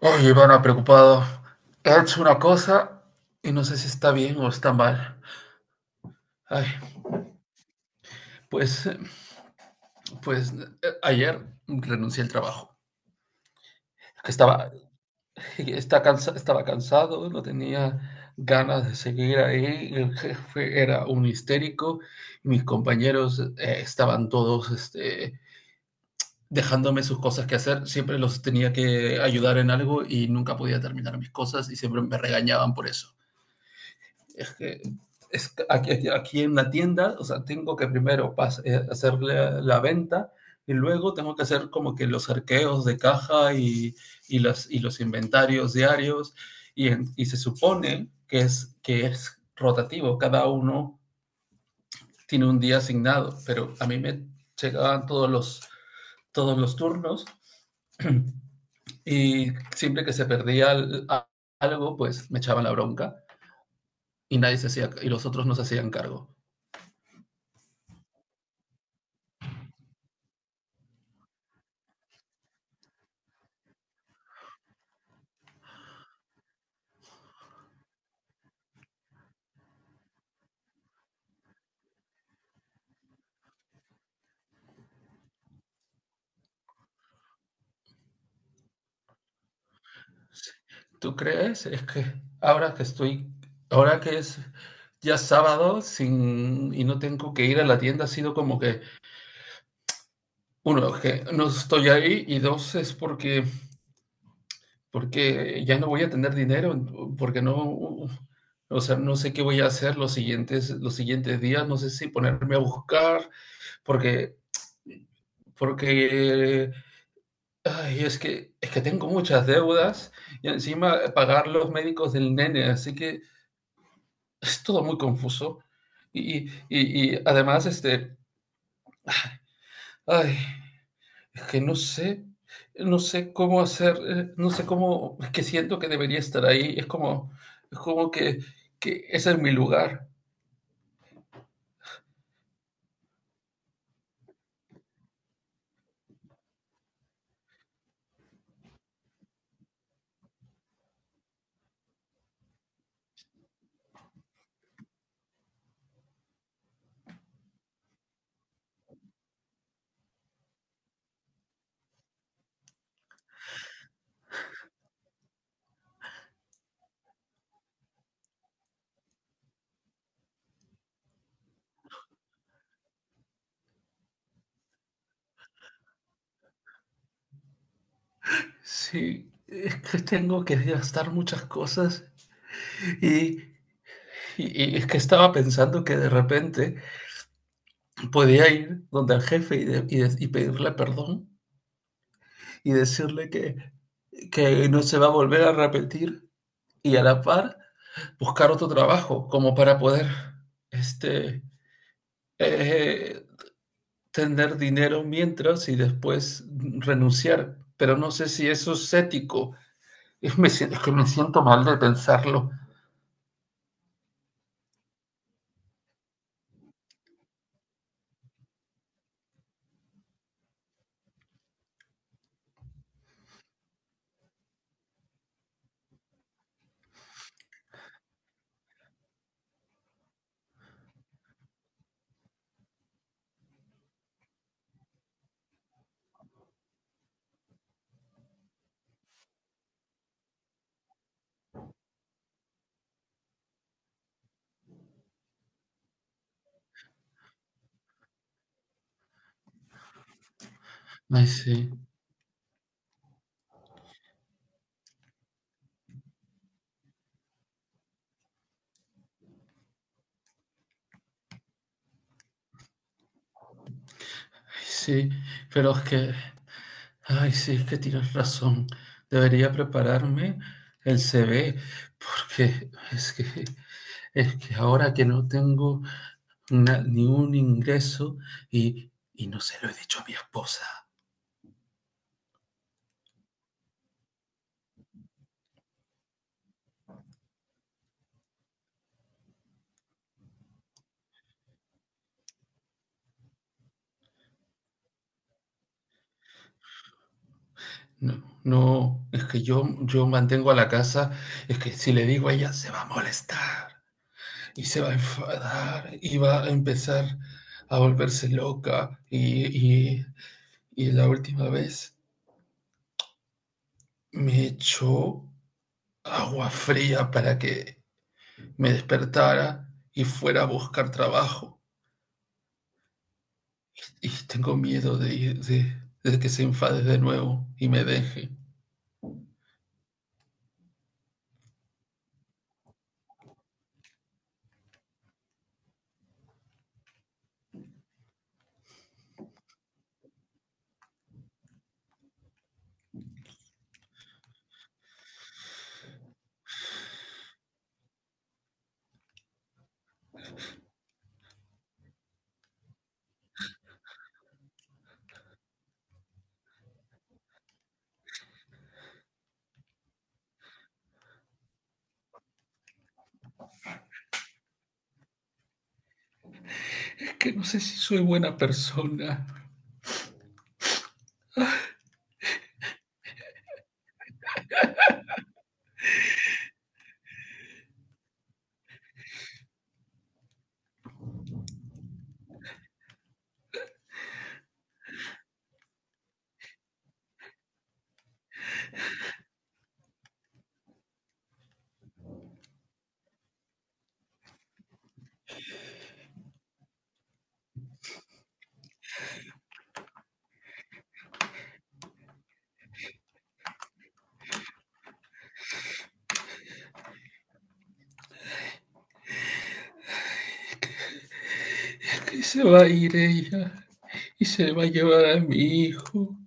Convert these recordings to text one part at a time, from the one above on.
Oye, Ivana, preocupado. He hecho una cosa y no sé si está bien o está mal. Ay, pues, pues, ayer renuncié al trabajo. estaba, Estaba cansado, no tenía ganas de seguir ahí. El jefe era un histérico. Mis compañeros estaban todos, dejándome sus cosas que hacer. Siempre los tenía que ayudar en algo y nunca podía terminar mis cosas y siempre me regañaban por eso. Es que es aquí, en la tienda, o sea, tengo que primero hacer la venta, y luego tengo que hacer como que los arqueos de caja y y los inventarios diarios, y, y se supone que es rotativo, cada uno tiene un día asignado, pero a mí me llegaban todos los turnos. Y siempre que se perdía algo, pues me echaban la bronca y los otros no se hacían cargo. ¿Tú crees? Es que ahora que estoy, ahora que es ya sábado sin, y no tengo que ir a la tienda, ha sido como que, uno, que no estoy ahí y dos, es porque ya no voy a tener dinero, porque no, o sea, no sé qué voy a hacer los siguientes días, no sé si ponerme a buscar, porque, porque, ay, es que tengo muchas deudas y encima pagar los médicos del nene, así que es todo muy confuso. Y además, ay, que no sé cómo hacer, no sé cómo, que siento que debería estar ahí. Es como que ese es mi lugar. Sí, es que tengo que gastar muchas cosas. Y, y es que estaba pensando que de repente podía ir donde el jefe y pedirle perdón y decirle que no se va a volver a repetir. Y a la par, buscar otro trabajo como para poder este, eh, tener dinero mientras y después renunciar. Pero no sé si eso es ético. Es que me siento mal de pensarlo. Ay, sí, ay, sí, pero ay, sí, es que tienes razón. Debería prepararme el CV, porque es que ahora que no tengo ni un ingreso, y no se lo he dicho a mi esposa. No, no, es que yo mantengo a la casa, es que si le digo a ella se va a molestar y se va a enfadar y va a empezar a volverse loca, y, y la última vez me echó agua fría para que me despertara y fuera a buscar trabajo, y tengo miedo de que se enfade de nuevo y me deje. Es que no sé si soy buena persona, es que se va a ir ella y se le va a llevar a mi hijo.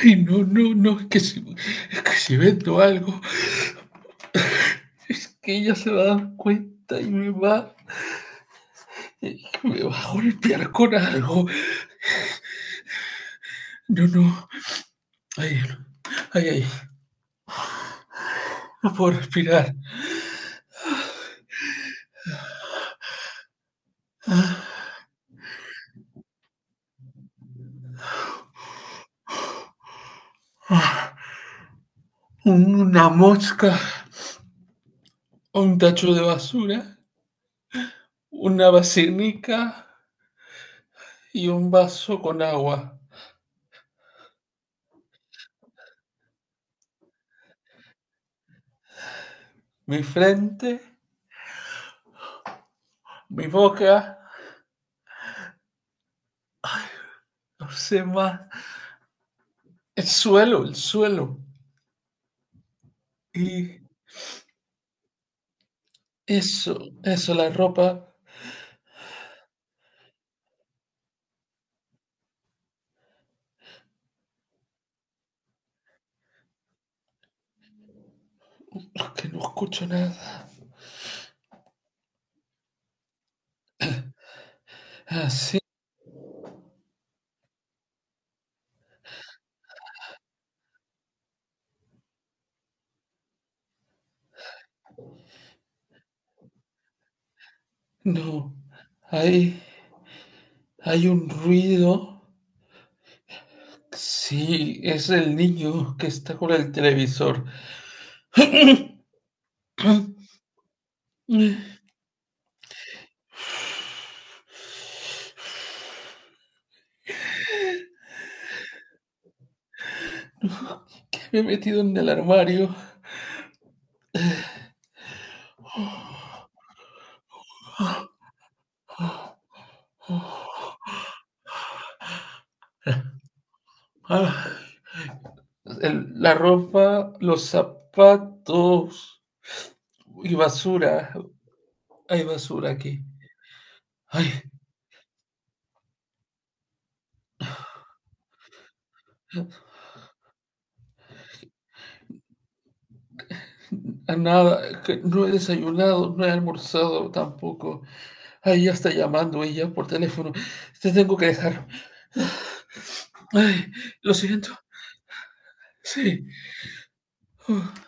Ay, no, no, no, es que si, vendo algo, es que ella se va a dar cuenta y me va a golpear con algo. No, no, ay, ay, ay, no puedo respirar. Ah, ah, una mosca, un tacho de basura, una vacinica y un vaso con agua. Mi frente, mi boca, no sé más. El suelo, el suelo. Y eso, la ropa, que no escucho nada. Así, no, hay, hay un ruido. Sí, es el niño que está con el televisor. Que me he metido en el armario. Ah, la ropa, los zapatos y basura. Hay basura aquí. Ay, a nada, que no he desayunado, no he almorzado tampoco. Ahí ya está llamando ella por teléfono. Te tengo que dejar. Ay, lo siento. Sí. Uf.